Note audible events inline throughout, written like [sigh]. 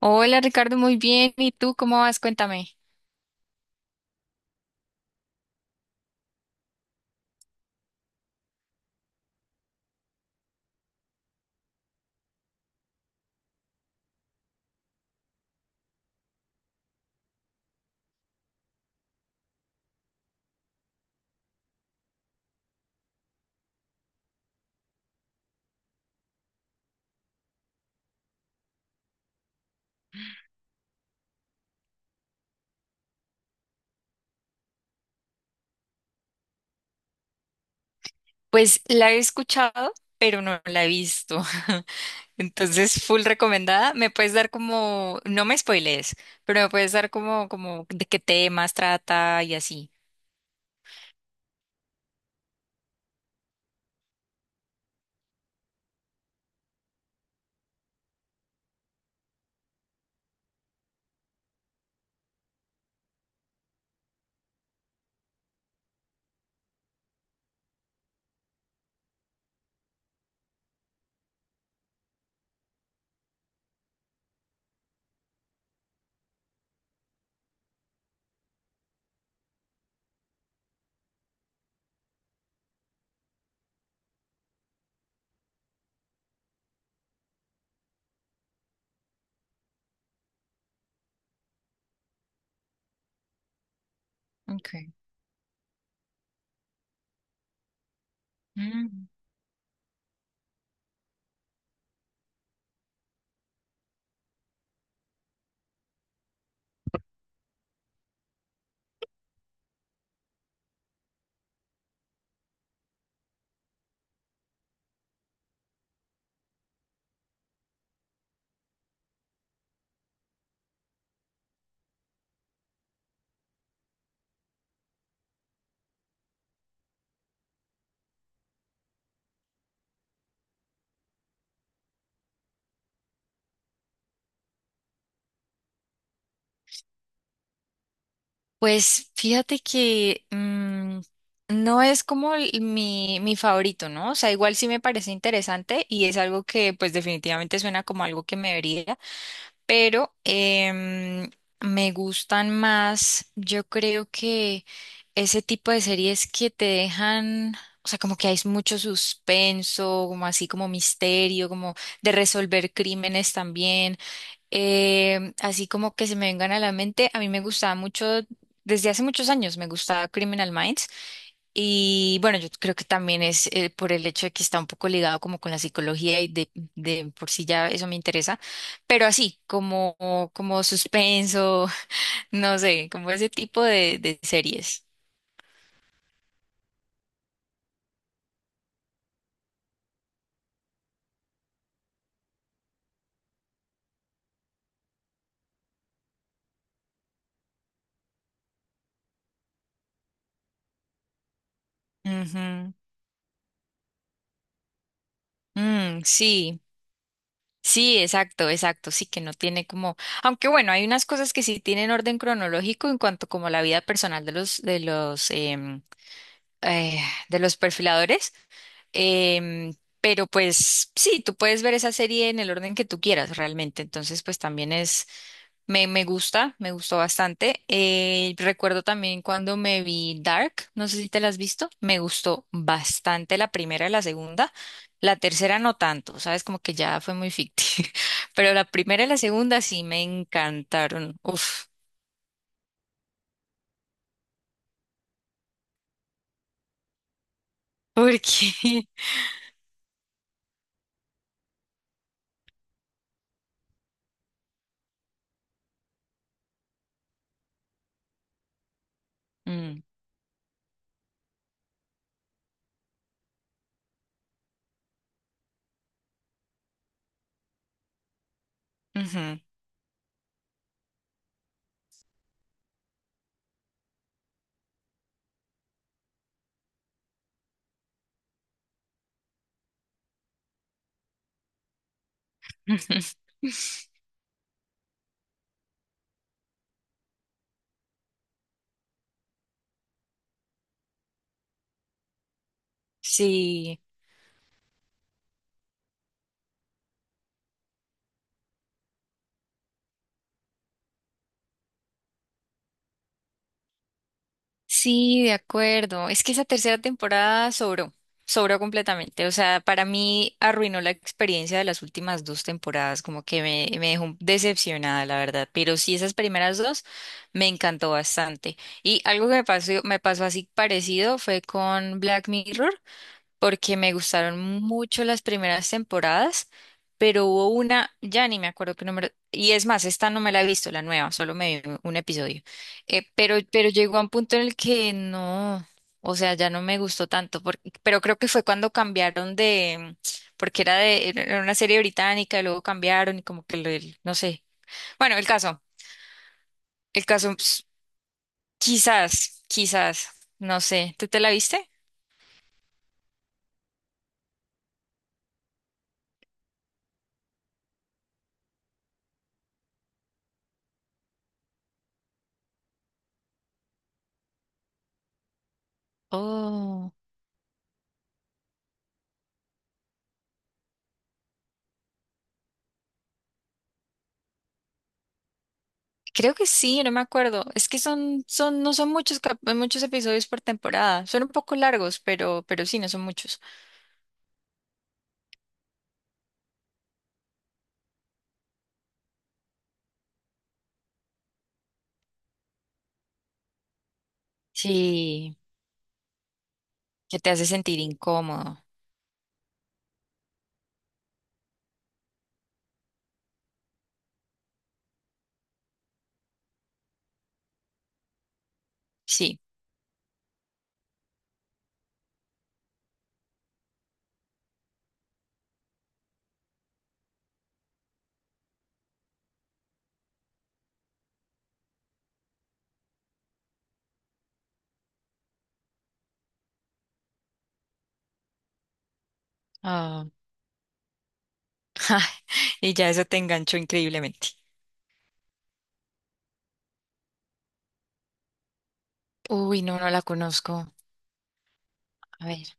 Hola Ricardo, muy bien. ¿Y tú cómo vas? Cuéntame. Pues la he escuchado, pero no la he visto. [laughs] Entonces, full recomendada. Me puedes dar como, no me spoilees, pero me puedes dar como, como de qué temas trata y así. Okay. Mm. Pues fíjate que no es como mi favorito, ¿no? O sea, igual sí me parece interesante y es algo que pues definitivamente suena como algo que me vería, pero me gustan más, yo creo que ese tipo de series que te dejan, o sea, como que hay mucho suspenso, como así como misterio, como de resolver crímenes también, así como que se me vengan a la mente, a mí me gustaba mucho, desde hace muchos años me gustaba Criminal Minds. Y bueno, yo creo que también es por el hecho de que está un poco ligado como con la psicología y de por sí ya eso me interesa, pero así, como, como suspenso, [laughs] no sé, como ese tipo de series. Ujú. Mm, sí, sí, exacto, exacto, sí que no tiene como, aunque bueno, hay unas cosas que sí tienen orden cronológico en cuanto como a la vida personal de eh, de los perfiladores. Em, pero pues sí, tú puedes ver esa serie en el orden que tú quieras realmente. Entonces, pues también es, me gusta, me gustó bastante. Recuerdo también cuando me vi Dark, no sé si te la has visto, me gustó bastante la primera y la segunda. La tercera no tanto, sabes, como que ya fue muy ficticio. [laughs] Pero la primera y la segunda sí me encantaron. Uf, ¿por qué? [laughs] Mm, ujú. [laughs] Sí. Sí, de acuerdo. Es que esa tercera temporada sobró, sobró completamente. O sea, para mí arruinó la experiencia de las últimas dos temporadas, como que me dejó decepcionada, la verdad. Pero sí, esas primeras dos me encantó bastante. Y algo que me pasó así parecido fue con Black Mirror porque me gustaron mucho las primeras temporadas, pero hubo una, ya ni me acuerdo qué número, y es más, esta no me la he visto, la nueva, solo me vi un episodio. Pero llegó a un punto en el que no, o sea, ya no me gustó tanto, porque, pero creo que fue cuando cambiaron de, porque era de, era una serie británica, y luego cambiaron y como que, no sé, bueno, el caso, pues, quizás, quizás, no sé, ¿tú te la viste? Oh. Creo que sí, no me acuerdo. Es que no son muchos, muchos episodios por temporada. Son un poco largos, pero sí, no son muchos. Sí, que te hace sentir incómodo. Sí. Ah, y ya eso te enganchó increíblemente. Uy, no, no la conozco. A ver.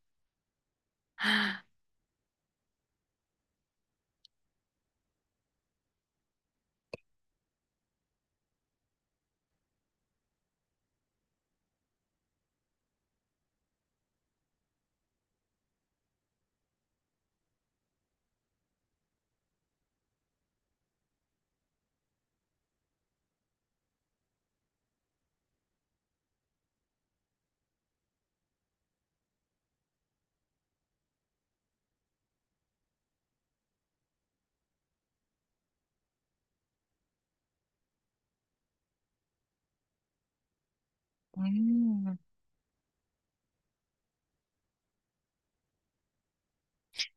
Ah, mm.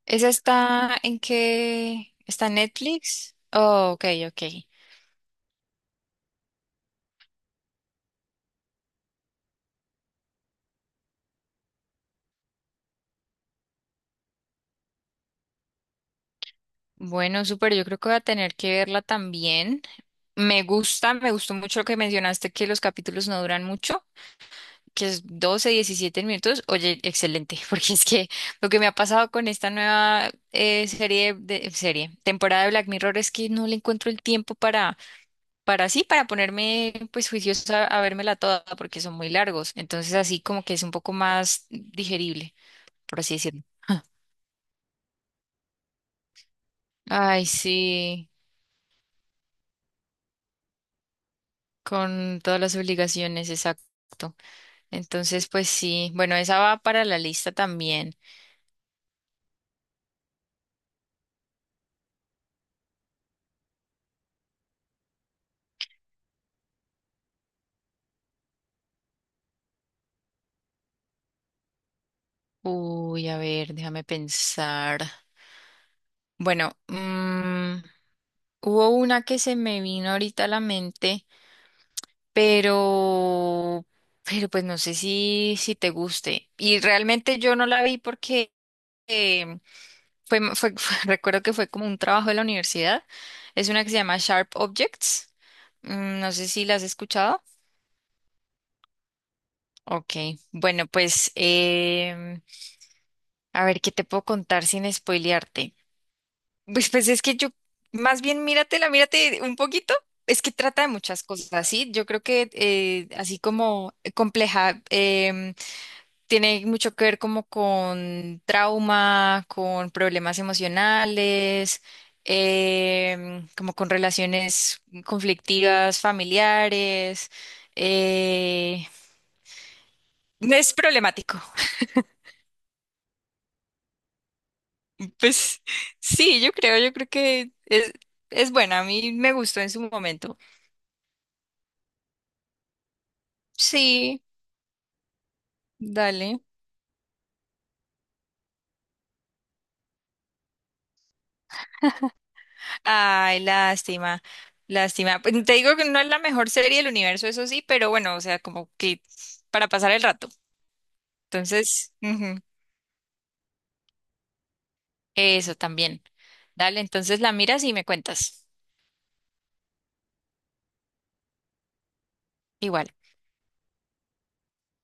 ¿Esa está en qué? ¿Está en Netflix? Oh, ok, ok. Bueno, súper, yo creo que voy a tener que verla también. Me gusta, me gustó mucho lo que mencionaste, que los capítulos no duran mucho, que es 12 a 17 minutos, oye, excelente. [laughs] Porque es que lo que me ha pasado con esta nueva serie, serie, temporada de Black Mirror es que no le encuentro el tiempo para sí, para ponerme pues juiciosa a vérmela toda, porque son muy largos, entonces así como que es un poco más digerible, por así decirlo. [laughs] Ay, sí, con todas las obligaciones, exacto. Entonces, pues sí, bueno, esa va para la lista también. Uy, a ver, déjame pensar. Bueno, hubo una que se me vino ahorita a la mente, pero, pero pues no sé si, si te guste. Y realmente yo no la vi porque eh, [laughs] recuerdo que fue como un trabajo de la universidad. Es una que se llama Sharp Objects. Mm, no sé si la has escuchado. Ok, bueno, pues a ver qué te puedo contar sin spoilearte. Pues es que yo, más bien míratela, mírate un poquito. Es que trata de muchas cosas, ¿sí? Yo creo que así como compleja. Tiene mucho que ver como con trauma, con problemas emocionales, como con relaciones conflictivas, familiares. eh, es problemático. Pues sí, yo creo que es buena. A mí me gustó en su momento. Sí. Dale. Ay, lástima, lástima. Pues, te digo que no es la mejor serie del universo, eso sí, pero bueno, o sea, como que para pasar el rato. Entonces, ujú. Eso también. Dale, entonces la miras y me cuentas. Igual.